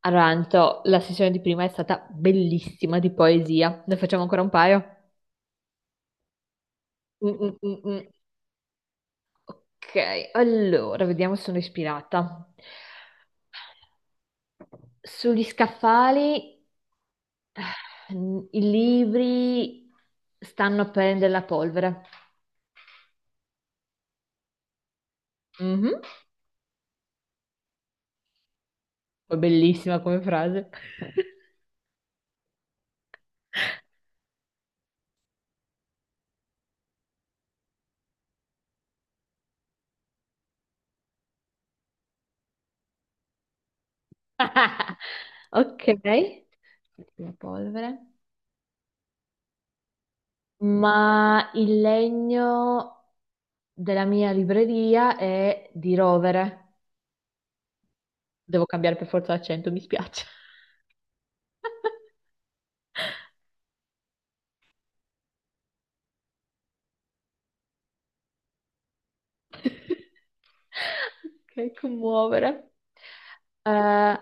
Allora, Anto, la sessione di prima è stata bellissima di poesia. Ne facciamo ancora un paio? Mm, mm, mm, mm. Ok, allora, vediamo se sono ispirata. Sugli scaffali, i libri stanno a prendere la polvere. Mhm. Poi bellissima come frase. Ok. La polvere. Ma il legno della mia libreria è di rovere. Devo cambiare per forza l'accento, mi spiace. Ok, commuovere. Eh,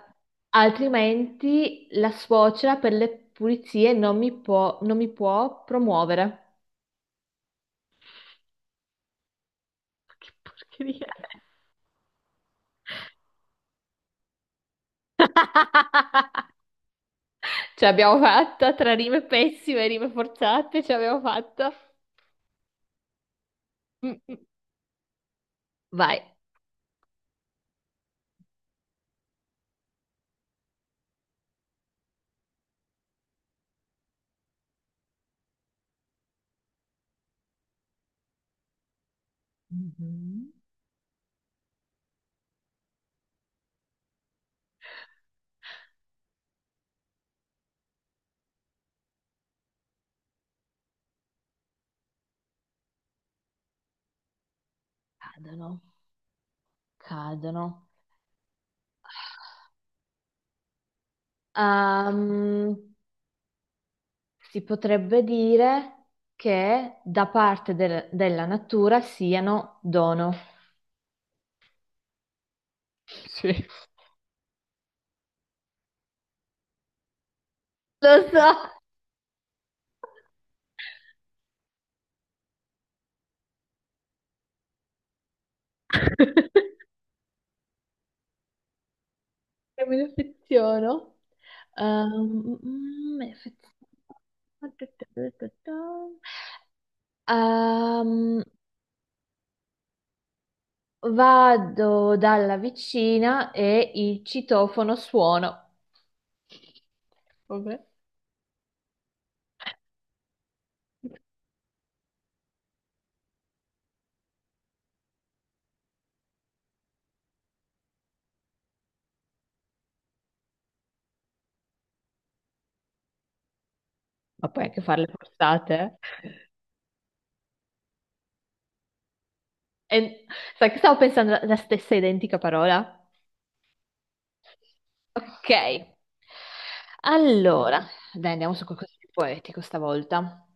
Altrimenti la suocera per le pulizie non mi può, non mi può promuovere. Che porcheria è? Ce l'abbiamo fatta tra rime pessime e rime forzate, ce l'abbiamo fatta. Mm, mm. Vai. Mhm. Cadono, cadono. Ehm, si potrebbe dire che da parte del- della natura siano dono. Sì. Lo so, che me ne affeziono. Me ne affeziono. Ehm, Vado dalla vicina e il citofono suono. Vabbè. Ma puoi anche farle forzate. E sai che stavo pensando la stessa identica parola? Ok. Allora, dai, andiamo su qualcosa di poetico stavolta.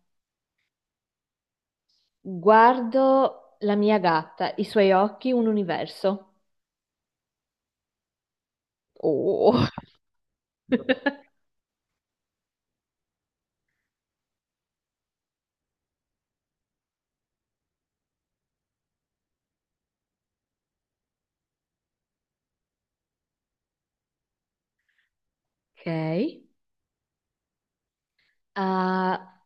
Guardo la mia gatta, i suoi occhi, un universo. Oh. Ok. Ah,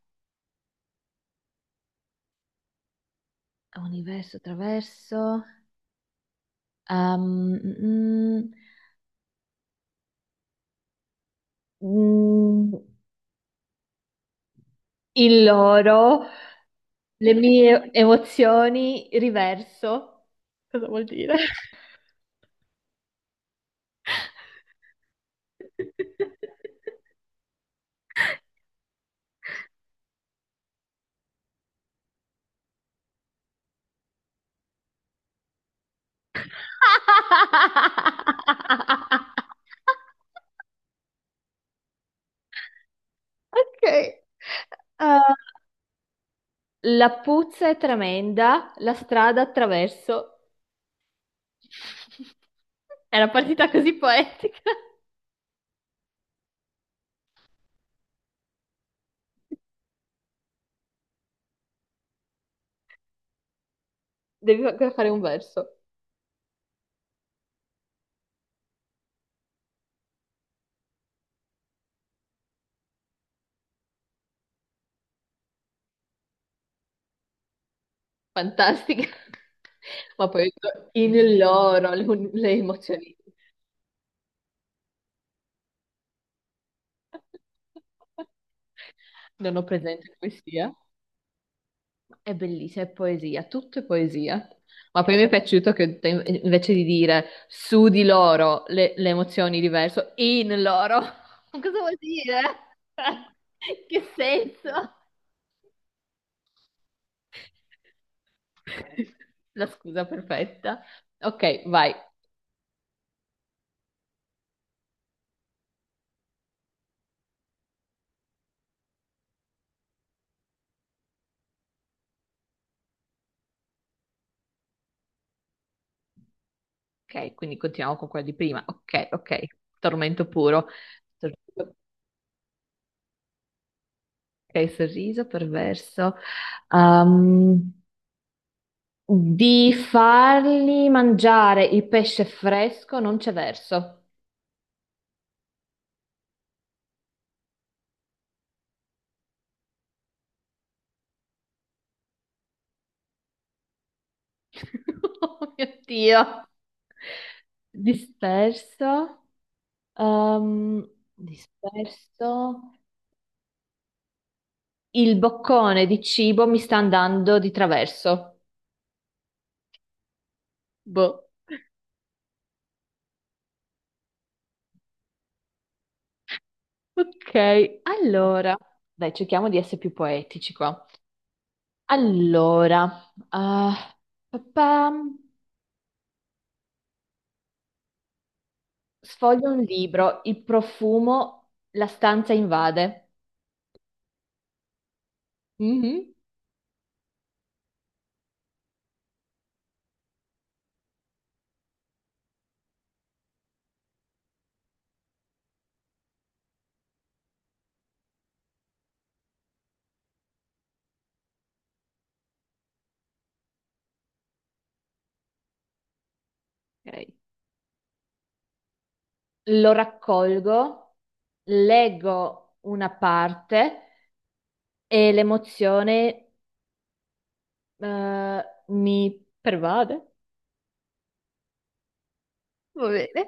universo attraverso. Um, mm, mm, Mm, Il loro. Le mie emozioni riverso. Cosa vuol dire? Ok. La puzza è tremenda, la strada attraverso. È una partita così poetica. Devi ancora fare un verso. Fantastica. Ma poi in loro le emozioni. Non ho presente come sia. È bellissima, è poesia, tutto è poesia. Ma poi mi è piaciuto che te- invece di dire su di loro le emozioni diverse, in loro. Ma cosa vuol dire? Che senso? La scusa perfetta. Ok, vai. Ok, quindi continuiamo con quella di prima. Ok, ok. Tormento puro. Ok, sorriso perverso. Ehm, di fargli mangiare il pesce fresco non c'è verso. Oh mio Dio. Disperso. ehm, disperso. Il boccone di cibo mi sta andando di traverso. Boh. Ok, allora. Dai, cerchiamo di essere più poetici qua. Allora, ah, papà. Sfoglio un libro, il profumo, la stanza invade. Mhm. Ok. Lo raccolgo, leggo una parte e l'emozione mi pervade. Va bene.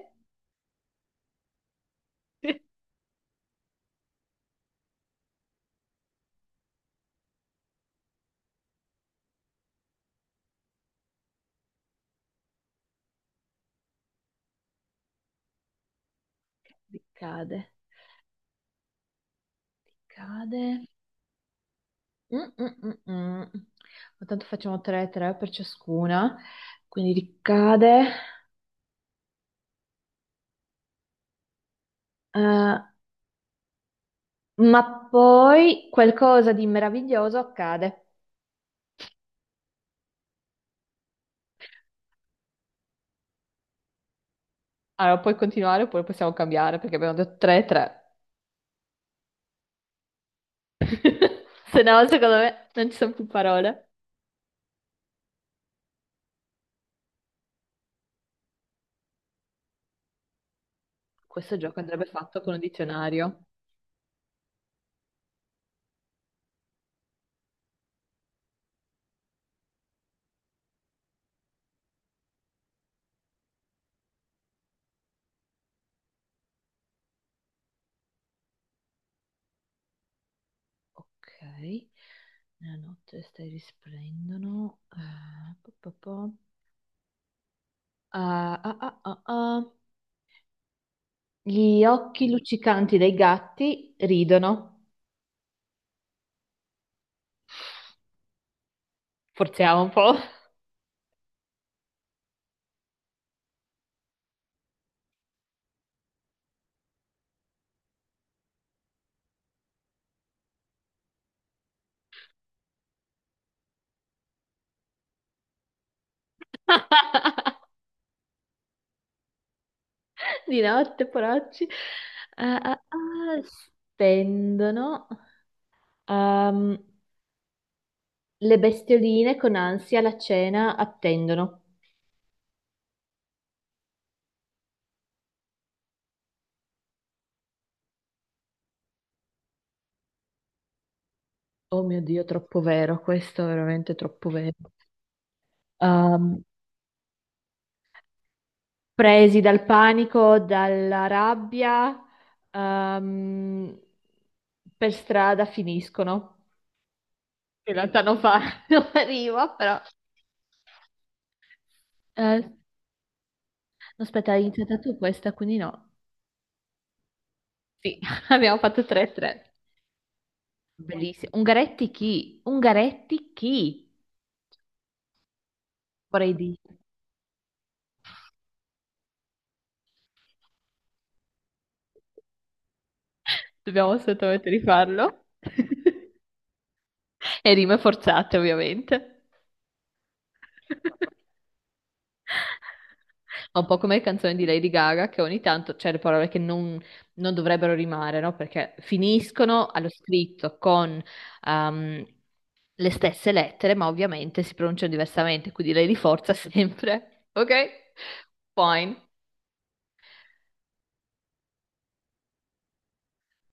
Cade, cade. Mm, mm, mm, mm. Ma tanto facciamo 3-3 per ciascuna, quindi ricade. Eh, ma poi qualcosa di meraviglioso accade. Allora, puoi continuare oppure possiamo cambiare perché abbiamo detto 3-3. Se no, secondo me non ci sono più parole. Questo gioco andrebbe fatto con un dizionario. Ok, nella notte stai risplendono. Eh, po- po- po. Ah, ah, ah, ah, ah. Gli occhi luccicanti dei gatti ridono. Forziamo un po'. Di notte, poracci. Ah, ah, ah, spendono. Ehm, Le bestioline con ansia la cena attendono. Oh mio Dio, troppo vero, questo è veramente troppo vero. Ehm, Presi dal panico, dalla rabbia, ehm, per strada finiscono. In realtà non fa, non arrivo, però. No, aspetta, hai iniziata tu questa, quindi no. Sì, abbiamo fatto 3-3. Bellissimo. Ungaretti chi? Ungaretti chi? Vorrei dire. Dobbiamo assolutamente rifarlo. E rime forzate, ovviamente. Ma un po' come le canzoni di Lady Gaga, che ogni tanto c'è le parole che non, non dovrebbero rimare, no? Perché finiscono allo scritto con ehm, le stesse lettere, ma ovviamente si pronunciano diversamente, quindi lei li forza sempre. Ok? Fine.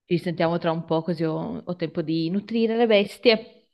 Ci sentiamo tra un po', così ho tempo di nutrire le bestie.